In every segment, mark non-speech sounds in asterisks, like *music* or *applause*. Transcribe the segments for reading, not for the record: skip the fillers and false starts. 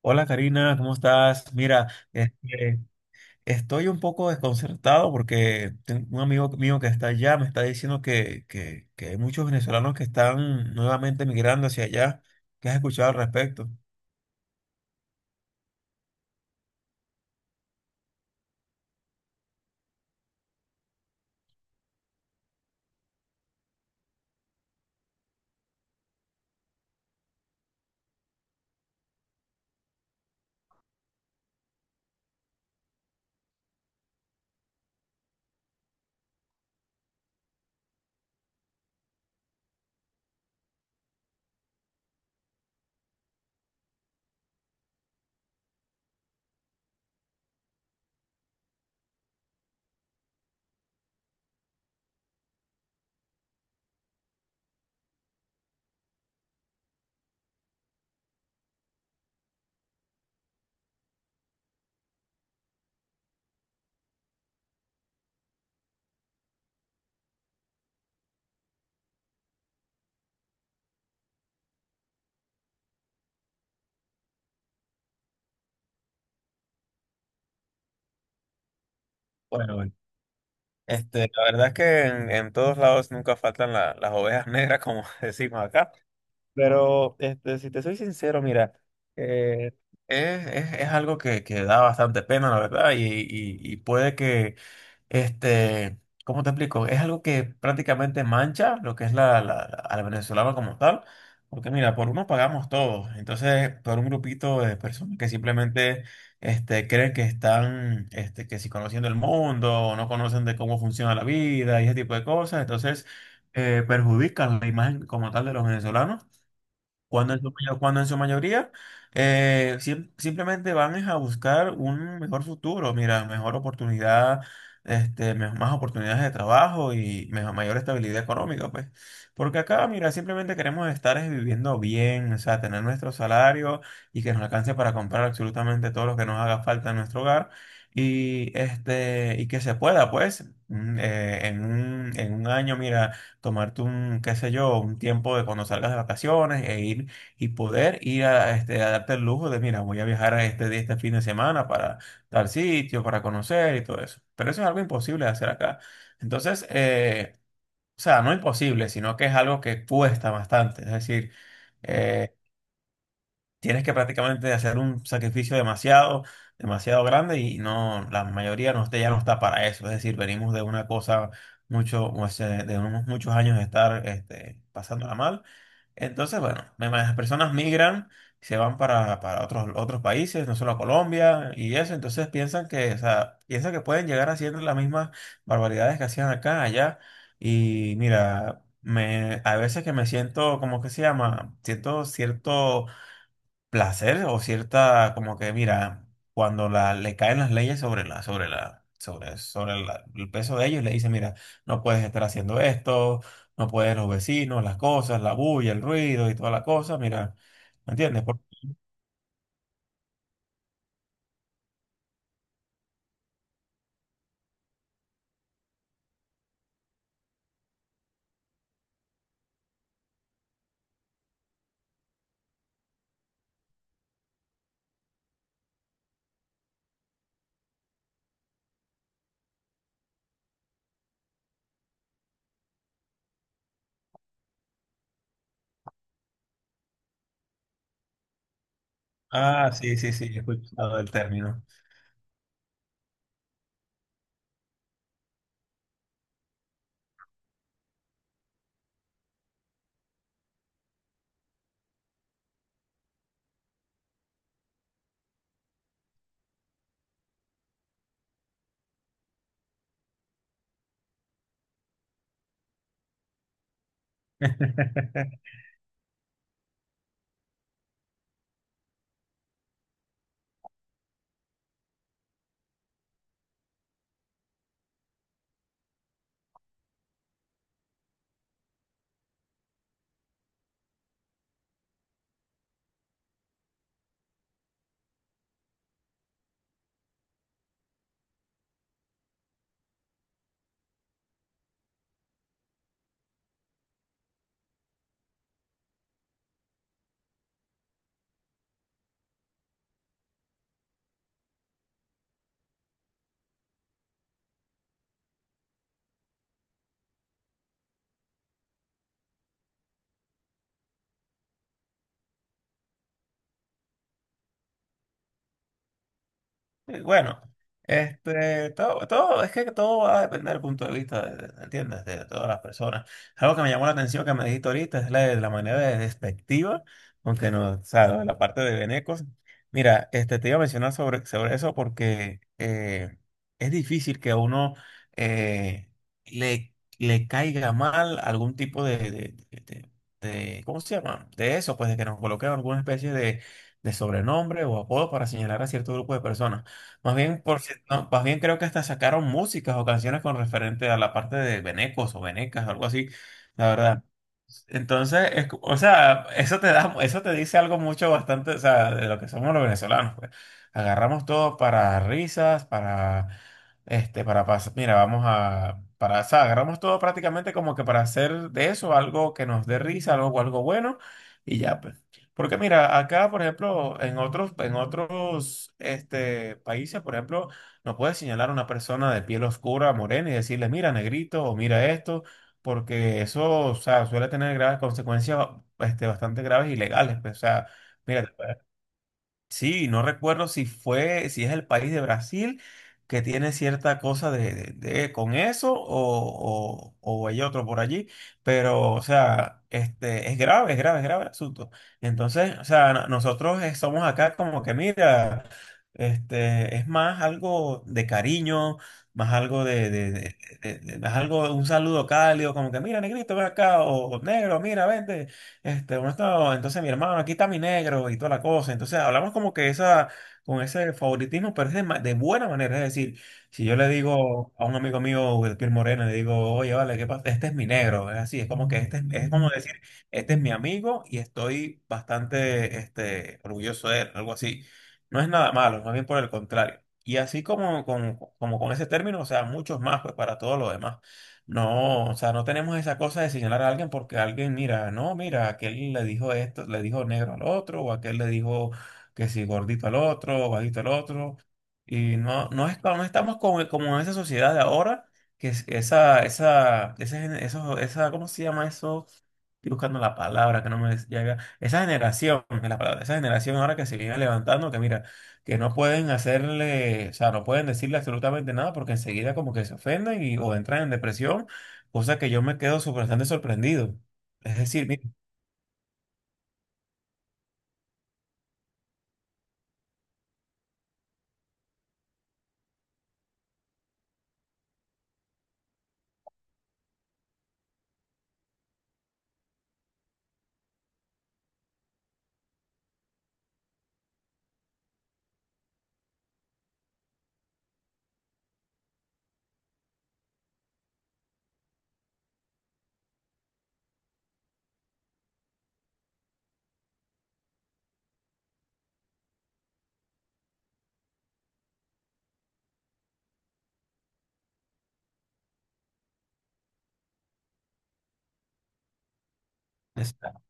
Hola Karina, ¿cómo estás? Mira, este, estoy un poco desconcertado porque tengo un amigo mío que está allá me está diciendo que hay muchos venezolanos que están nuevamente migrando hacia allá. ¿Qué has escuchado al respecto? Bueno, bueno. La verdad es que en todos lados nunca faltan las ovejas negras, como *laughs* decimos acá. Pero si te soy sincero, mira, eh, es algo que da bastante pena, la verdad, y puede que, este, ¿cómo te explico? Es algo que prácticamente mancha lo que es a la venezolana como tal, porque mira, por uno pagamos todos, entonces por un grupito de personas que simplemente creen que están, este, que si conociendo el mundo, o no conocen de cómo funciona la vida y ese tipo de cosas, entonces perjudican la imagen como tal de los venezolanos. Cuando en cuando en su mayoría simplemente van es a buscar un mejor futuro, mira, mejor oportunidad, más oportunidades de trabajo y mejor, mayor estabilidad económica, pues. Porque acá, mira, simplemente queremos estar es viviendo bien, o sea, tener nuestro salario y que nos alcance para comprar absolutamente todo lo que nos haga falta en nuestro hogar y y que se pueda, pues, en en un año, mira, tomarte un, qué sé yo, un tiempo de cuando salgas de vacaciones e ir y poder ir a, este, a darte el lujo de, mira, voy a viajar a este, este fin de semana para tal sitio, para conocer y todo eso. Pero eso es algo imposible de hacer acá. Entonces, o sea, no imposible, sino que es algo que cuesta bastante. Es decir, eh, tienes que prácticamente hacer un sacrificio demasiado, demasiado grande y no, la mayoría no, ya no está para eso. Es decir, venimos de una cosa mucho, o sea, de unos muchos años de estar este, pasándola mal. Entonces, bueno, me imagino, las personas migran, se van para otros, otros países, no solo a Colombia y eso. Entonces piensan que, o sea, piensan que pueden llegar haciendo las mismas barbaridades que hacían acá, allá. Y mira, me, a veces que me siento, ¿cómo que se llama? Siento cierto placer o cierta, como que mira, cuando la, le caen las leyes sobre el peso de ellos, le dice mira, no puedes estar haciendo esto, no puedes los vecinos, las cosas, la bulla, el ruido y toda la cosa, mira, ¿me entiendes? Ah, sí, sí, sí, he escuchado el término. *laughs* Y bueno, todo, todo, es que todo va a depender del punto de vista, ¿entiendes? De todas las personas. Algo que me llamó la atención que me dijiste ahorita es la manera de despectiva, aunque no, o sea, lo de la parte de Benecos. Mira, este, te iba a mencionar sobre, sobre eso porque es difícil que a uno eh, le caiga mal algún tipo de, ¿cómo se llama? De eso, pues de que nos coloquen alguna especie de sobrenombre o apodo para señalar a cierto grupo de personas. Más bien, por, no, más bien creo que hasta sacaron músicas o canciones con referente a la parte de venecos o venecas, algo así, la verdad. Entonces, es o sea, eso te da, eso te dice algo mucho bastante, o sea, de lo que somos los venezolanos, pues. Agarramos todo para risas, para pasar, mira, vamos a, para, o sea, agarramos todo prácticamente como que para hacer de eso algo que nos dé risa, algo, algo bueno, y ya, pues. Porque mira, acá, por ejemplo, en otros, en otros países, por ejemplo, no puedes señalar a una persona de piel oscura, morena, y decirle, mira, negrito, o mira esto, porque eso, o sea, suele tener graves consecuencias este, bastante graves y legales, pues, o sea, mira, sí, no recuerdo si fue, si es el país de Brasil que tiene cierta cosa de con eso o o hay otro por allí, pero o sea, este, es grave, es grave, es grave el asunto. Entonces, o sea, nosotros somos acá como que mira, este, es más algo de cariño, más algo de más algo, un saludo cálido, como que mira, negrito, ven acá, o negro, mira, vente. Este, uno estaba, entonces mi hermano, aquí está mi negro y toda la cosa. Entonces hablamos como que esa, con ese favoritismo, pero es de, de buena manera. Es decir, si yo le digo a un amigo mío de piel morena, le digo, oye, vale, ¿qué pasa? Este es mi negro. Es así, es como que este es como decir, este es mi amigo y estoy bastante, este, orgulloso de él, algo así. No es nada malo, más bien por el contrario. Y así como con ese término, o sea, muchos más, pues para todo lo demás. No, o sea, no tenemos esa cosa de señalar a alguien porque alguien, mira, no, mira, aquel le dijo esto, le dijo negro al otro, o aquel le dijo que si gordito al otro, o bajito al otro. Y no, no es, no estamos como, como en esa sociedad de ahora, que esa, ¿cómo se llama eso? Estoy buscando la palabra que no me llega. Esa generación, es la palabra, esa generación ahora que se viene levantando, que mira, que no pueden hacerle, o sea, no pueden decirle absolutamente nada porque enseguida como que se ofenden y, o entran en depresión, cosa que yo me quedo bastante sorprendido. Es decir, mira,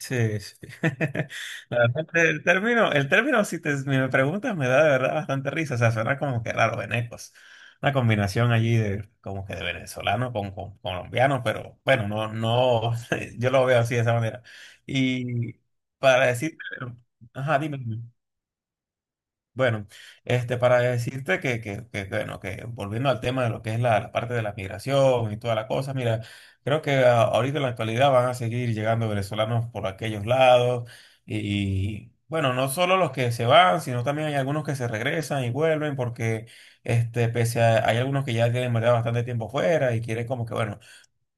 sí, sí. *laughs* La verdad, el término, si te, me preguntas, me da de verdad bastante risa. O sea, suena como que raro, venecos. Una combinación allí de como que de venezolano con colombiano, pero bueno, no, no, *laughs* yo lo veo así de esa manera. Y para decir, ajá, dime. Bueno, este, para decirte que, bueno, que volviendo al tema de lo que es la parte de la migración y toda la cosa, mira, creo que ahorita en la actualidad van a seguir llegando venezolanos por aquellos lados y, bueno, no solo los que se van, sino también hay algunos que se regresan y vuelven porque, este, pese a, hay algunos que ya tienen, ¿verdad?, bastante tiempo fuera y quieren como que, bueno,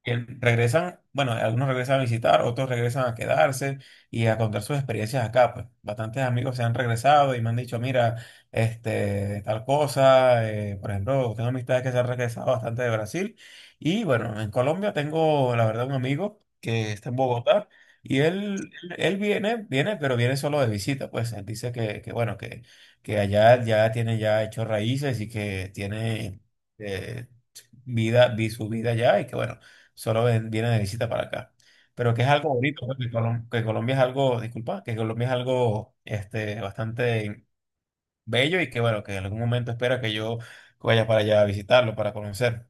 que regresan, bueno, algunos regresan a visitar, otros regresan a quedarse y a contar sus experiencias acá, pues. Bastantes amigos se han regresado y me han dicho, mira, este, tal cosa, por ejemplo, tengo amistades que se han regresado bastante de Brasil y bueno, en Colombia tengo, la verdad, un amigo que está en Bogotá y él viene, viene, pero viene solo de visita, pues. Él dice que bueno, que allá ya tiene ya hecho raíces y que tiene... eh, vida, vi su vida allá y que bueno, solo viene de visita para acá. Pero que es algo bonito, ¿no?, que Colombia es algo, disculpa, que Colombia es algo este, bastante bello y que bueno, que en algún momento espera que yo vaya para allá a visitarlo, para conocer.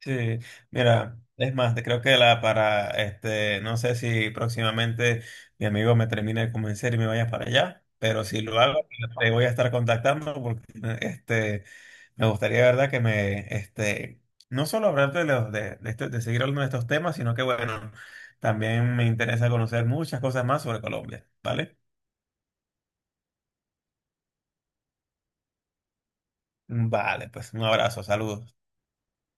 Sí, mira, es más, te creo que la para, este, no sé si próximamente mi amigo me termine de convencer y me vaya para allá, pero si lo hago, te voy a estar contactando porque este... Me gustaría, de ¿verdad? Que me, este, no solo hablarte de, los, de, de seguir hablando de estos temas, sino que, bueno, también me interesa conocer muchas cosas más sobre Colombia, ¿vale? Vale, pues un abrazo, saludos.